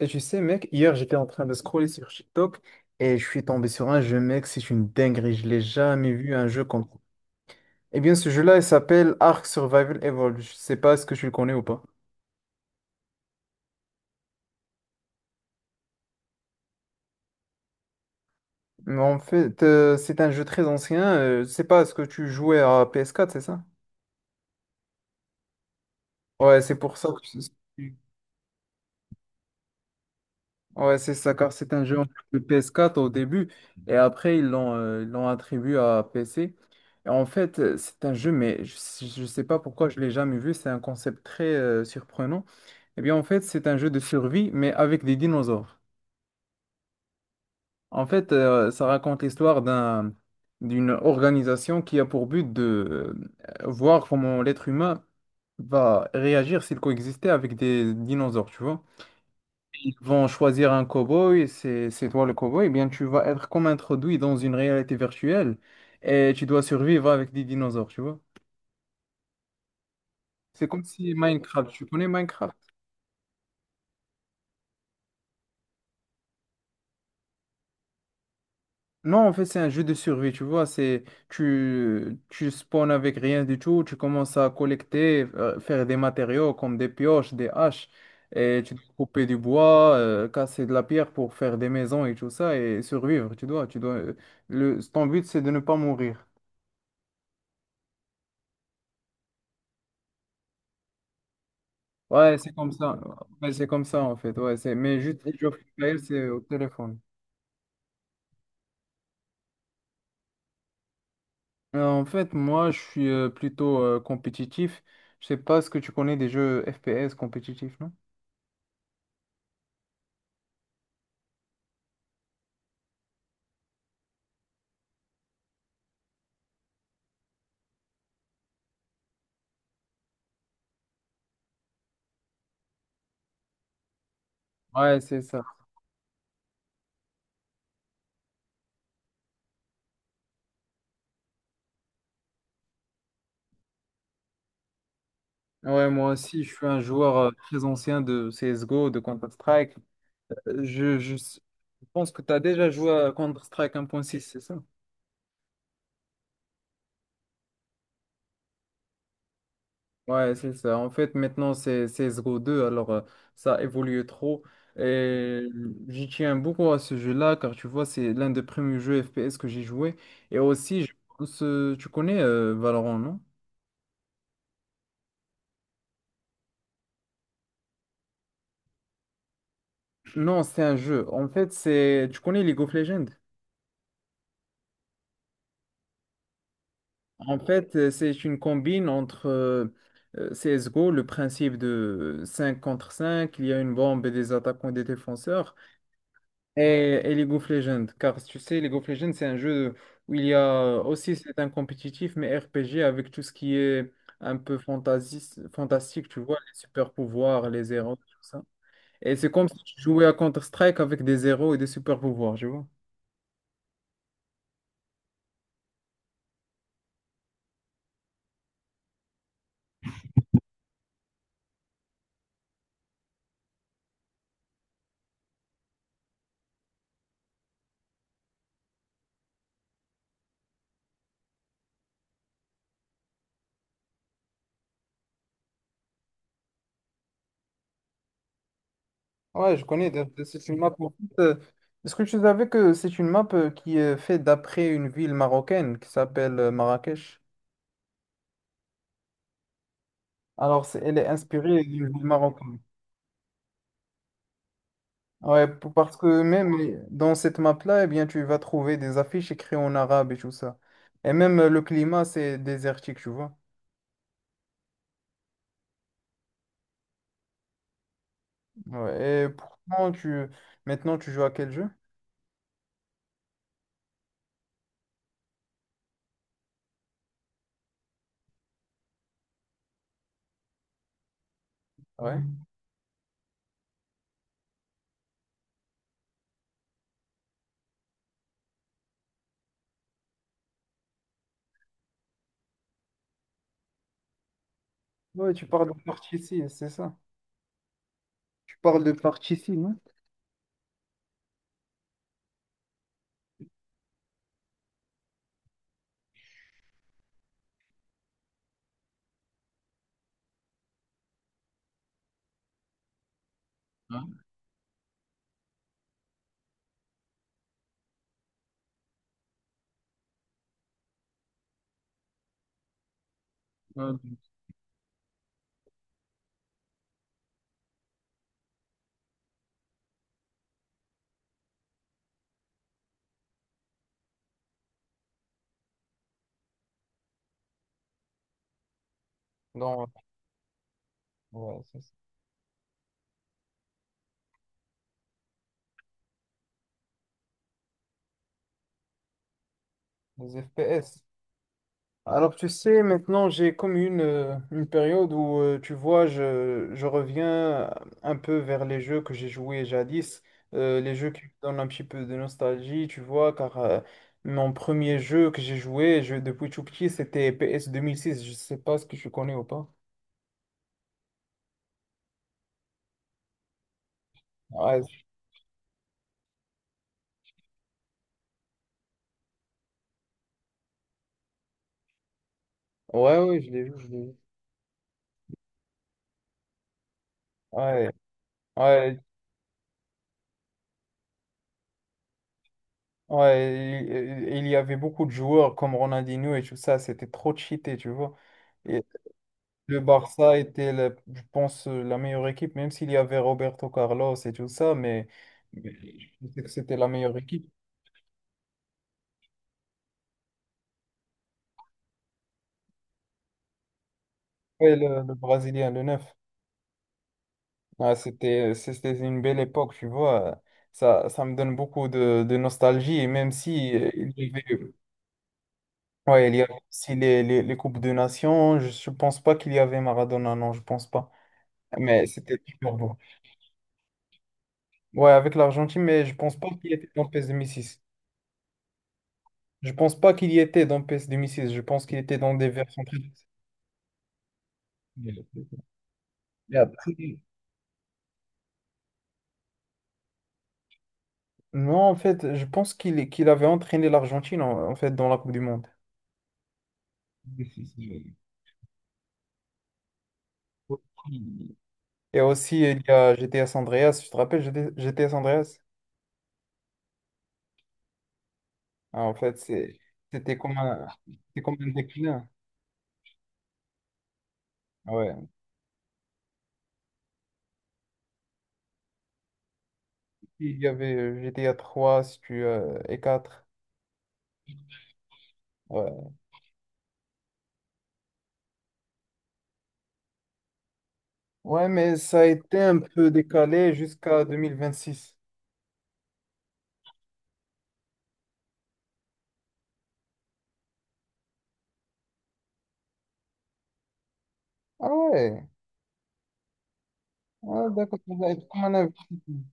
Et tu sais, mec, hier j'étais en train de scroller sur TikTok et je suis tombé sur un jeu, mec, c'est une dinguerie. Je l'ai jamais vu un jeu comme ça. Eh bien, ce jeu-là, il s'appelle Ark Survival Evolved. Je sais pas si que tu le connais ou pas. Mais en fait, c'est un jeu très ancien. Je sais pas, est-ce que tu jouais à PS4, c'est ça? Ouais, c'est pour ça que. Ouais, c'est ça, car c'est un jeu en plus de PS4 au début, et après ils l'ont attribué à PC. Et en fait, c'est un jeu, mais je ne sais pas pourquoi je l'ai jamais vu, c'est un concept très surprenant. Eh bien, en fait, c'est un jeu de survie, mais avec des dinosaures. En fait, ça raconte l'histoire d'une organisation qui a pour but de voir comment l'être humain va réagir s'il coexistait avec des dinosaures, tu vois. Vont choisir un cow-boy, c'est toi le cow-boy, eh bien tu vas être comme introduit dans une réalité virtuelle et tu dois survivre avec des dinosaures, tu vois. C'est comme si Minecraft, tu connais Minecraft? Non, en fait, c'est un jeu de survie, tu vois, c'est tu spawns avec rien du tout, tu commences à collecter, faire des matériaux comme des pioches, des haches et tu dois couper du bois, casser de la pierre pour faire des maisons et tout ça et survivre, tu dois le ton but c'est de ne pas mourir. Ouais, c'est comme ça. Ouais, c'est comme ça en fait. Ouais, c'est... Mais juste les jeux Free Fire, c'est au téléphone. En fait, moi, je suis plutôt compétitif. Je sais pas ce que tu connais des jeux FPS compétitifs, non? Ouais, c'est ça. Ouais, moi aussi, je suis un joueur très ancien de CSGO, de Counter-Strike. Euh, Je, je s- je pense que tu as déjà joué à Counter-Strike 1.6, c'est ça? Ouais, c'est ça. En fait, maintenant, c'est 02, alors ça évolue trop. Et j'y tiens beaucoup à ce jeu-là, car tu vois, c'est l'un des premiers jeux FPS que j'ai joué. Et aussi, je pense, tu connais Valorant, non? Non, c'est un jeu. En fait, c'est... Tu connais League of Legends? En fait, c'est une combine entre CSGO, le principe de 5 contre cinq, il y a une bombe et des attaquants et des défenseurs. Et League of Legends, car tu sais, League of Legends, c'est un jeu où il y a aussi, c'est un compétitif, mais RPG avec tout ce qui est un peu fantasiste, fantastique, tu vois, les super pouvoirs, les héros, tout ça. Et c'est comme si tu jouais à Counter-Strike avec des héros et des super pouvoirs, tu vois. Ouais, je connais, d'ailleurs, c'est une map. Est-ce que tu savais que c'est une map qui est faite d'après une ville marocaine qui s'appelle Marrakech? Alors, elle est inspirée d'une ville marocaine. Ouais, parce que même dans cette map-là, eh bien, tu vas trouver des affiches écrites en arabe et tout ça. Et même le climat, c'est désertique, tu vois. Ouais, et pourtant, tu... maintenant, tu joues à quel jeu? Ouais. Ouais, tu parles de partie ici, c'est ça. Tu parles de partie ici, non? Ouais. Ouais. Non, ouais, c'est ça. Les FPS. Alors, tu sais, maintenant, j'ai comme une période où, tu vois, je reviens un peu vers les jeux que j'ai joués jadis, les jeux qui me donnent un petit peu de nostalgie, tu vois, car mon premier jeu que j'ai joué, je, depuis tout petit, c'était PS 2006, je sais pas ce que tu connais ou pas. Ouais, ouais, ouais, je l'ai vu, je l'ai vu. Ouais, ouais, ouais, il y avait beaucoup de joueurs comme Ronaldinho et tout ça, c'était trop cheaté, tu vois. Et, Le Barça était, je pense, la meilleure équipe, même s'il y avait Roberto Carlos et tout ça, mais je pensais que c'était la meilleure équipe. Ouais, le Brésilien, le 9. Ah, c'était une belle époque, tu vois. Ça me donne beaucoup de nostalgie, et même si il y avait, ouais, il y avait aussi les Coupes de Nations, je ne pense pas qu'il y avait Maradona, non, je pense pas. Mais c'était super beau. Ouais, avec l'Argentine, mais je pense pas qu'il était dans PES 6. Je pense pas qu'il y était dans PS 6. Je pense qu'il était dans des versions très... Et après... Non, en fait, je pense qu'il avait entraîné l'Argentine en, en fait dans la Coupe du Monde. Et aussi, il y a GTA San Andreas. Tu te rappelles GTA San Andreas? Ah, en fait, c'était comme un déclin. Ah ouais. Il y avait GTA 3 si tu, et 4. Ouais. Ouais, mais ça a été un peu décalé jusqu'à 2026. Ah ouais. Ouais, d'accord, ça va être comme un investissement.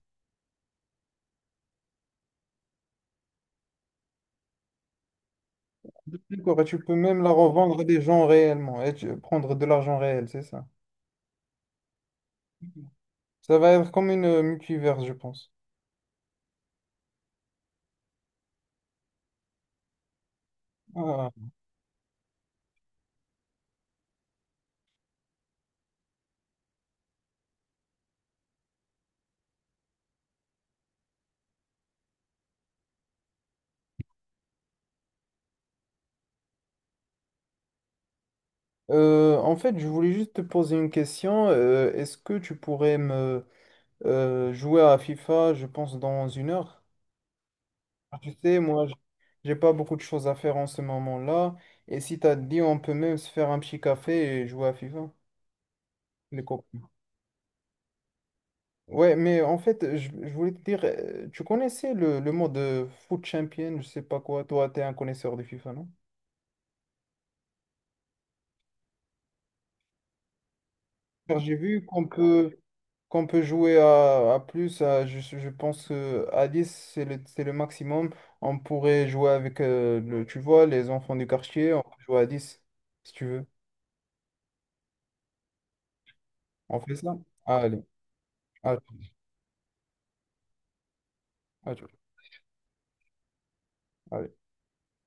D'accord, et tu peux même la revendre à des gens réellement et prendre de l'argent réel, c'est ça. Ça va être comme une multiverse, je pense. Ah. En fait, je voulais juste te poser une question. Est-ce que tu pourrais me jouer à FIFA, je pense, dans une heure? Tu sais, moi, j'ai pas beaucoup de choses à faire en ce moment-là. Et si t'as dit, on peut même se faire un petit café et jouer à FIFA, les copains. Ouais, mais en fait, je voulais te dire, tu connaissais le mot de foot champion, je sais pas quoi, toi, tu es un connaisseur de FIFA, non? Car j'ai vu qu'on peut jouer à, je pense à 10, c'est c'est le maximum. On pourrait jouer avec, tu vois, les enfants du quartier, on peut jouer à 10, si tu veux. On fait ça? Allez, à... à tout... à tout.